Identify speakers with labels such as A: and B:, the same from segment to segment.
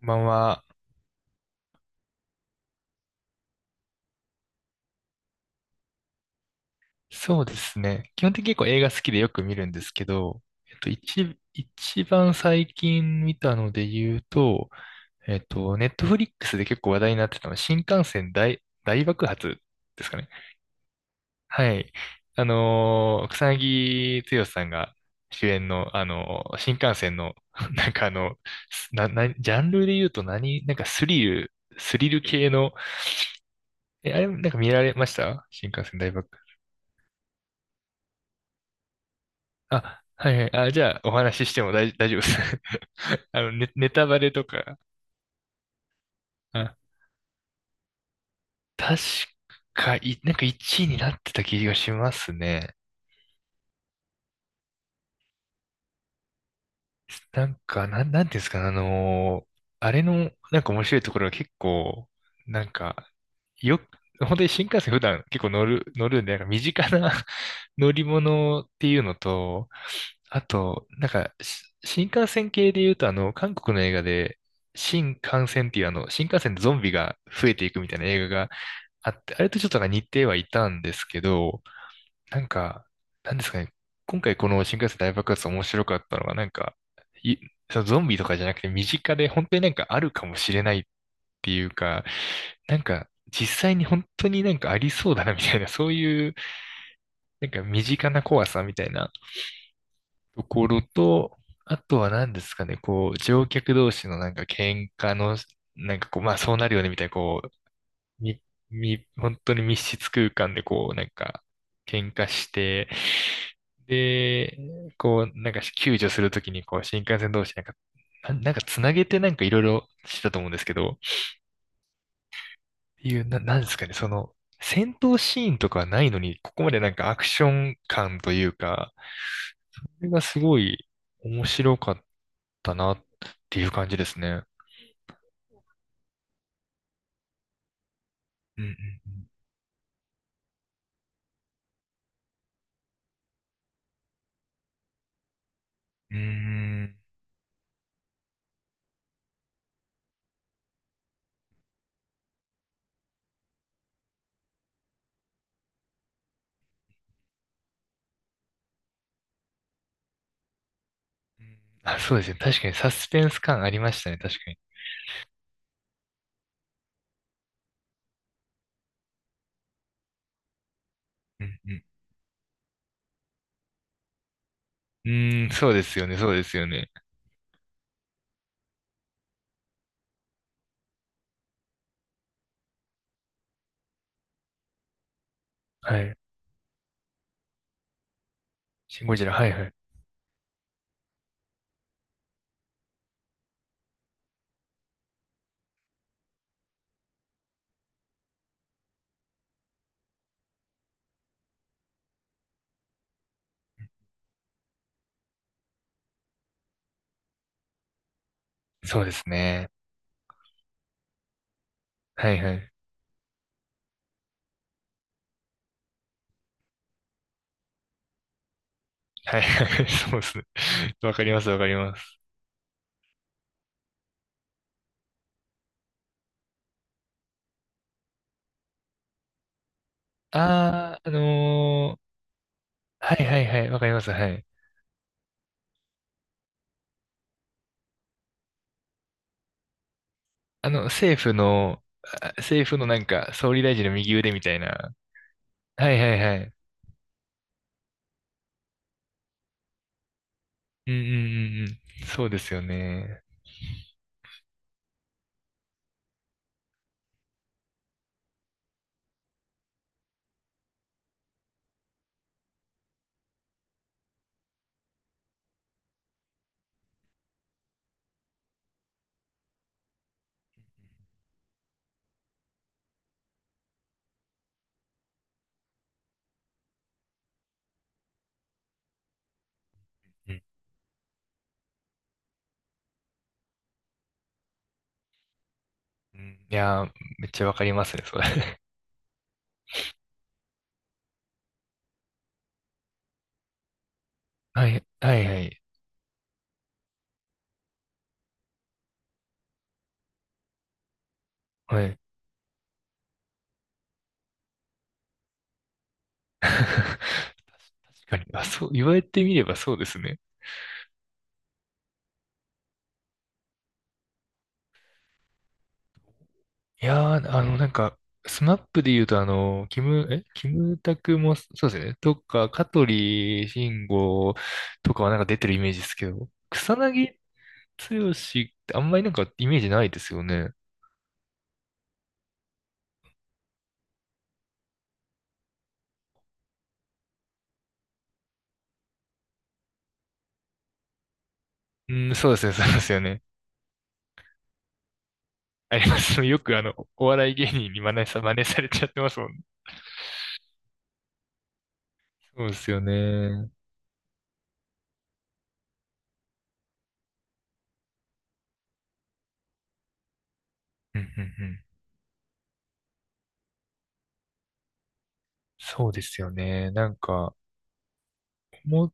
A: こんばんは。そうですね。基本的に結構映画好きでよく見るんですけど、一番最近見たので言うと、ネットフリックスで結構話題になってたのは、新幹線大爆発ですかね。はい。草薙剛さんが主演の、新幹線の、なんかジャンルで言うと何、なんかスリル系の、あれ、なんか見られました新幹線大爆あ、はいはい。あ、じゃあ、お話ししても大丈夫です。ネタバレとか。あ、確か、なんか1位になってた気がしますね。なんか、なんていうんですか、あれの、なんか面白いところが結構、なんか、よく、本当に新幹線普段結構乗るんで、なんか身近な 乗り物っていうのと、あと、なんか、新幹線系で言うと、あの、韓国の映画で、新幹線っていう新幹線でゾンビが増えていくみたいな映画があって、あれとちょっとなんか似てはいたんですけど、なんか、なんですかね。今回この新幹線大爆発面白かったのが、なんか、い、そのゾンビとかじゃなくて身近で本当になんかあるかもしれないっていうか、なんか実際に本当になんかありそうだなみたいな、そういうなんか身近な怖さみたいなところと、あとは何ですかね、こう乗客同士のなんか喧嘩の、なんかこう、まあそうなるよねみたいな、こみ、み、本当に密室空間でこう、なんか、喧嘩して、で、こう、なんか救助するときに、こう、新幹線同士なんか、なんかつなげてなんかいろいろしてたと思うんですけど、っていう、なんですかね、その、戦闘シーンとかはないのに、ここまでなんかアクション感というか、これがすごい面白かったなっていう感じですね。うんうんうん。うーん。あ、そうですね。確かにサスペンス感ありましたね。確かに。うんうーん、そうですよね、そうですよね。はい。シン・ゴジラ、はいはい。そうですね。はいはい。はいはい、そうですね。わかります、わかります。ああ、はいはいはい、わかります、はい。あの、政府の、政府のなんか、総理大臣の右腕みたいな。はいはいはい。うんうんうんうん。そうですよね。うんうんいやー、めっちゃわかりますね、それ。はい、はい、はい、はい。確かに。あ、そう、言われてみればそうですね。いやー、なんか、スマップで言うと、キムタクも、そうですよね。とか、香取慎吾とかはなんか出てるイメージですけど、草薙剛ってあんまりなんかイメージないですよね。うん、そうですね、そうですよね。あります。よくお笑い芸人に真似されちゃってますもんね。そうですよね。うんうんうん。そうですよね。なんか、もう、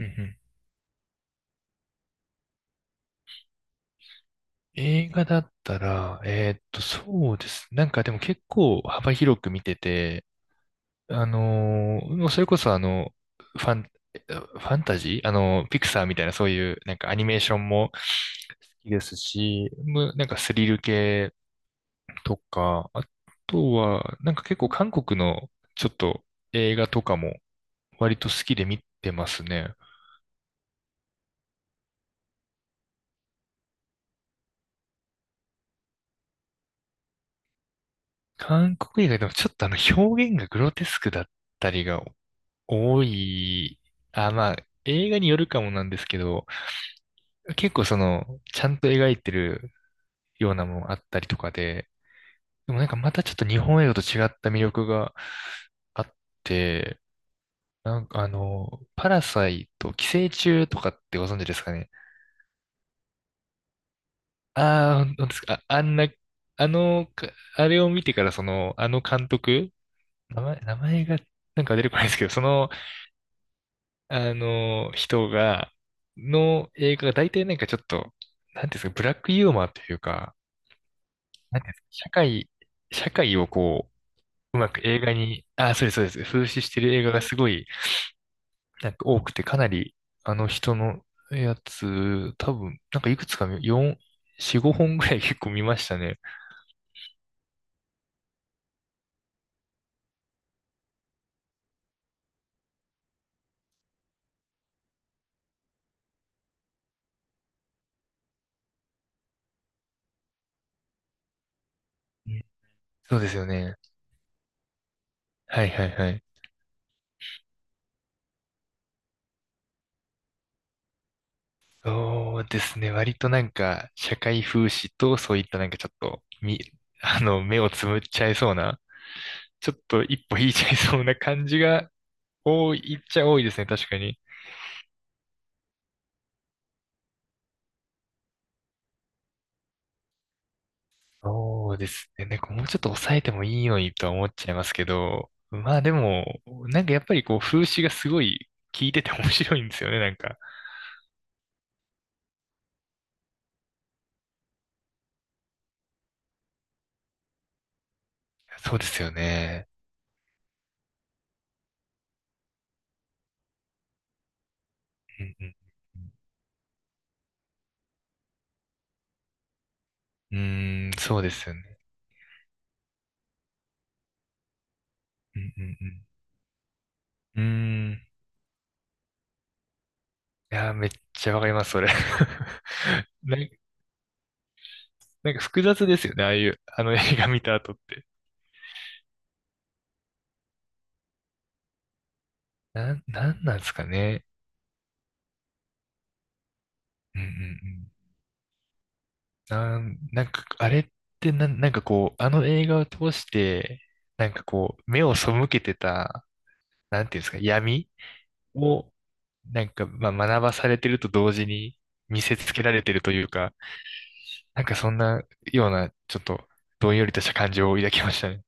A: うんうん。映画だったら、そうですね。なんかでも結構幅広く見てて、もうそれこそファンタジーピクサーみたいなそういうなんかアニメーションも好きですし、なんかスリル系とか、あとはなんか結構韓国のちょっと映画とかも割と好きで見てますね。韓国映画でもちょっとあの表現がグロテスクだったりが多い、あ、まあ、映画によるかもなんですけど、結構その、ちゃんと描いてるようなものあったりとかで、でもなんかまたちょっと日本映画と違った魅力があって、なんかパラサイト、寄生虫とかってご存知ですかね。ああ、本当ですか。あ、あんな、あの、かあれを見てからその、あの監督、名前がなんか出てこないですけど、その、あの、人が、の映画が大体なんかちょっと、なんていうんですか、ブラックユーモアというか、なんていうんですか、社会をこう、うまく映画に、あ、そうです、そうです、風刺してる映画がすごい、なんか多くて、かなり、あの人のやつ、多分、なんかいくつか見、4、4、5本ぐらい 結構見ましたね。うんそうですよね。はいはいはい。そうですね。割となんか、社会風刺と、そういったなんかちょっと、目をつむっちゃいそうな、ちょっと一歩引いちゃいそうな感じが多いっちゃ多いですね。確かに。そうですね。なんかもうちょっと抑えてもいいのにとは思っちゃいますけど、まあでも、なんかやっぱりこう、風刺がすごい効いてて 面白いんですよね。なんか。そうですよね。うんうんうん、うーん、そうですよね。うんうんうん。うーんいやー、めっちゃわかります、それ。なん、なんか複雑ですよね、ああいう、あの映画見た後って。なんなんですかね。うんうんうん。なんか、あれってなんかこう、あの映画を通して、なんかこう、目を背けてた、なんていうんですか、闇を、なんか、まあ、学ばされてると同時に見せつけられてるというか、なんかそんなような、ちょっと、どんよりとした感情を抱きましたね。